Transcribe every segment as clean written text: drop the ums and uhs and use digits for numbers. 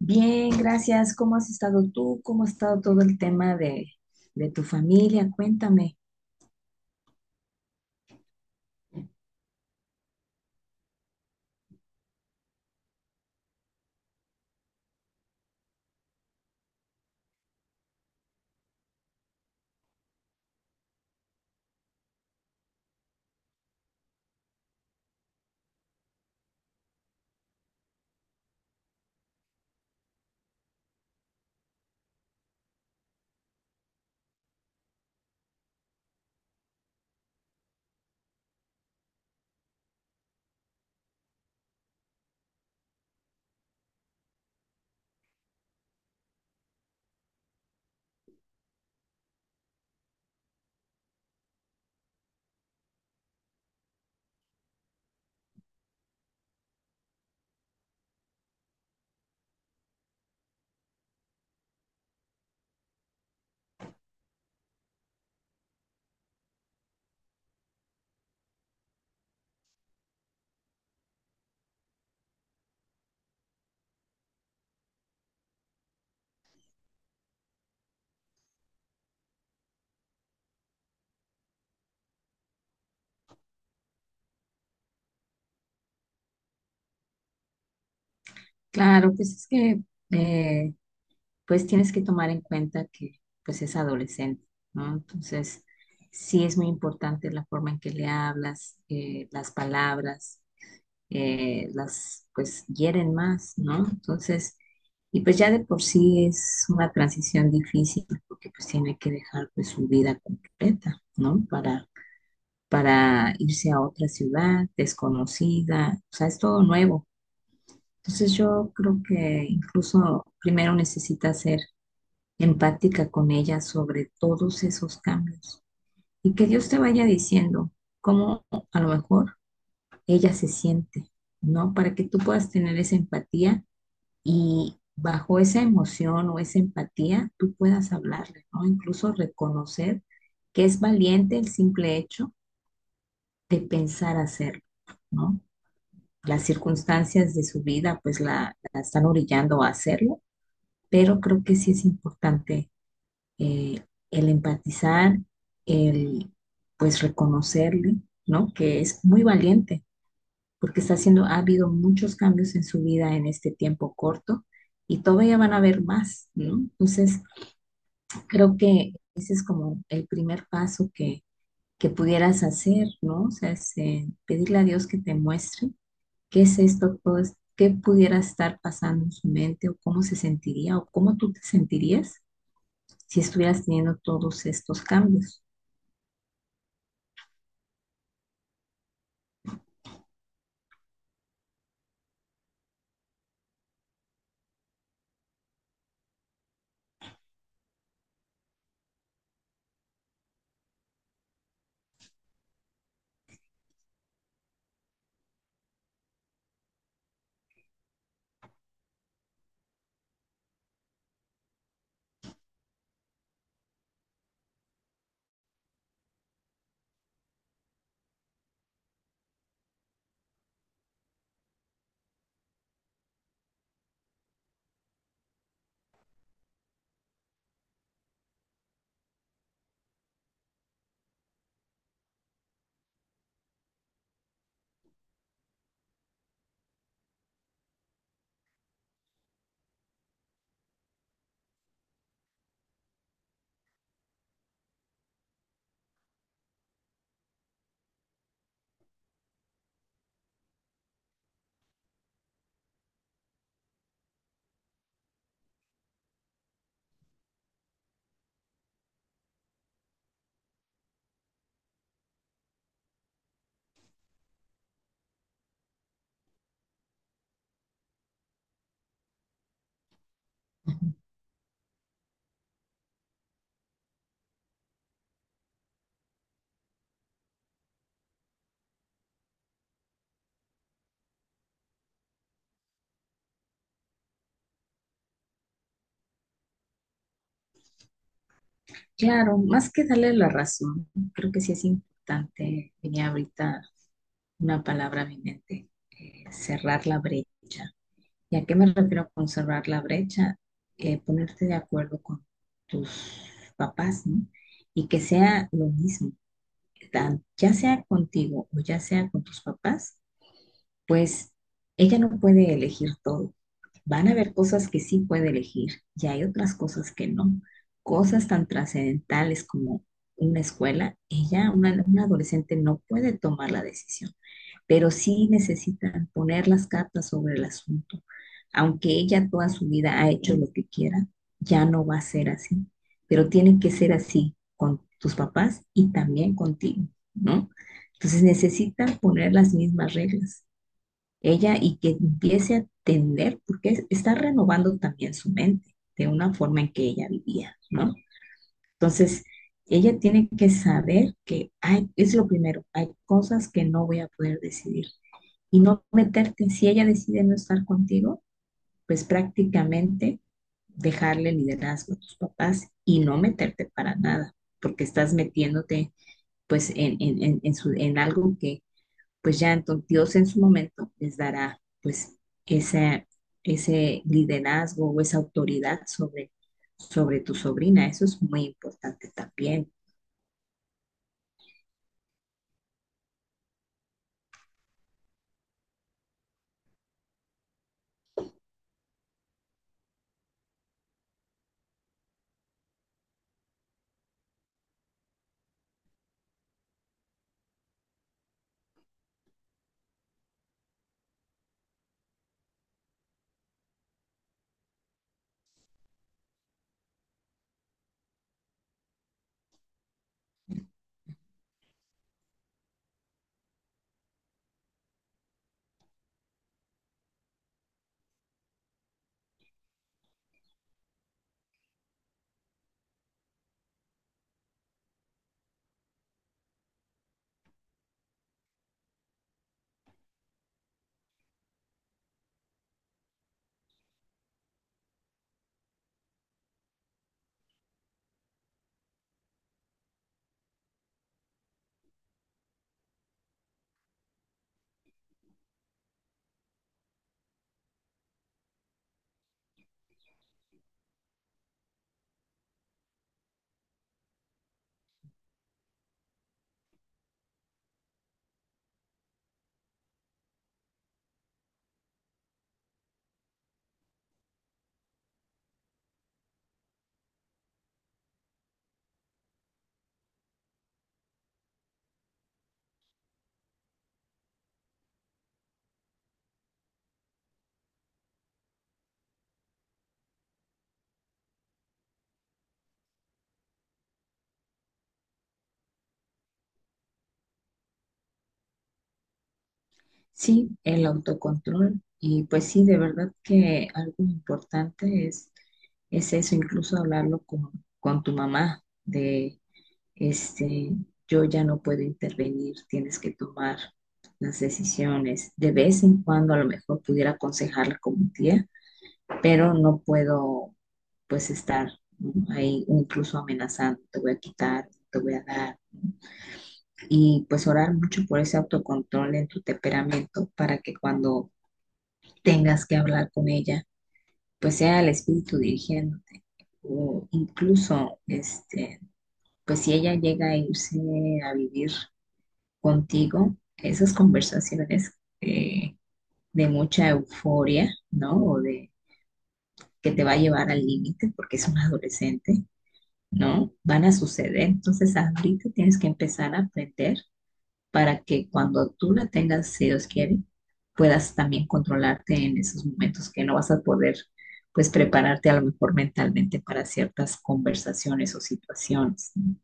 Bien, gracias. ¿Cómo has estado tú? ¿Cómo ha estado todo el tema de tu familia? Cuéntame. Claro, pues es que eh, pues tienes que tomar en cuenta que pues es adolescente, ¿no? Entonces, sí es muy importante la forma en que le hablas, las palabras, las pues hieren más, ¿no? Entonces, y pues ya de por sí es una transición difícil porque pues tiene que dejar pues su vida completa, ¿no? Para irse a otra ciudad desconocida, o sea, es todo nuevo. Entonces yo creo que incluso primero necesita ser empática con ella sobre todos esos cambios y que Dios te vaya diciendo cómo a lo mejor ella se siente, ¿no? Para que tú puedas tener esa empatía y bajo esa emoción o esa empatía tú puedas hablarle, ¿no? Incluso reconocer que es valiente el simple hecho de pensar hacerlo, ¿no? Las circunstancias de su vida pues la están orillando a hacerlo, pero creo que sí es importante eh, el empatizar, el pues reconocerle, ¿no? Que es muy valiente porque está haciendo, ha habido muchos cambios en su vida en este tiempo corto y todavía van a haber más, ¿no? Entonces, creo que ese es como el primer paso que pudieras hacer, ¿no? O sea, es, pedirle a Dios que te muestre qué es esto, ¿cómo qué pudiera estar pasando en su mente o cómo se sentiría o cómo tú te sentirías si estuvieras teniendo todos estos cambios? Ujú. Claro, más que darle la razón, creo que sí es importante, venía ahorita una palabra a mi mente, cerrar la brecha. ¿Y a qué me refiero con cerrar la brecha? Ponerte de acuerdo con tus papás, ¿no? Y que sea lo mismo, ya sea contigo o ya sea con tus papás. Pues ella no puede elegir todo. Van a haber cosas que sí puede elegir y hay otras cosas que no. Cosas tan trascendentales como una escuela, ella, una adolescente, no puede tomar la decisión, pero sí necesitan poner las cartas sobre el asunto. Aunque ella toda su vida ha hecho lo que quiera, ya no va a ser así, pero tiene que ser así con tus papás y también contigo, ¿no? Entonces necesitan poner las mismas reglas ella y que empiece a entender, porque está renovando también su mente de una forma en que ella vivía, ¿no? Entonces, ella tiene que saber que hay, es lo primero, hay cosas que no voy a poder decidir y no meterte, si ella decide no estar contigo, pues prácticamente dejarle liderazgo a tus papás y no meterte para nada, porque estás metiéndote pues en algo que pues ya entonces Dios en su momento les dará pues ese, ese liderazgo o esa autoridad sobre tu sobrina. Eso es muy importante también. Sí, el autocontrol. Y pues sí, de verdad que algo importante es eso, incluso hablarlo con tu mamá de, este, yo ya no puedo intervenir, tienes que tomar las decisiones. De vez en cuando a lo mejor pudiera aconsejarla como tía, pero no puedo pues estar, ¿no? Ahí incluso amenazando, te voy a quitar, te voy a dar. Y pues orar mucho por ese autocontrol en tu temperamento para que cuando tengas que hablar con ella, pues sea el espíritu dirigiéndote. O incluso, este, pues si ella llega a irse a vivir contigo, esas conversaciones eh, de mucha euforia, ¿no? O de que te va a llevar al límite porque es un adolescente, ¿no? Van a suceder. Entonces, ahorita tienes que empezar a aprender para que cuando tú la tengas, si Dios quiere, puedas también controlarte en esos momentos que no vas a poder, pues, prepararte a lo mejor mentalmente para ciertas conversaciones o situaciones, ¿no?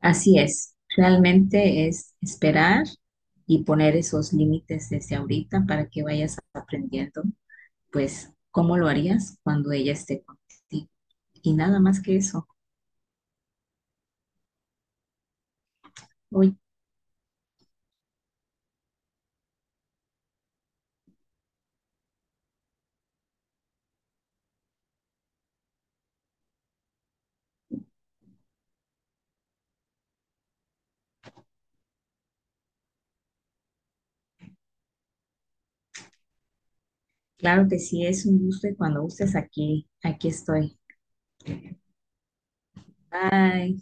Así es. Realmente es esperar y poner esos límites desde ahorita para que vayas aprendiendo, pues, cómo lo harías cuando ella esté contigo. Y nada más que eso. Oye. Claro que sí, es un gusto y cuando gustes aquí, aquí estoy. Bye.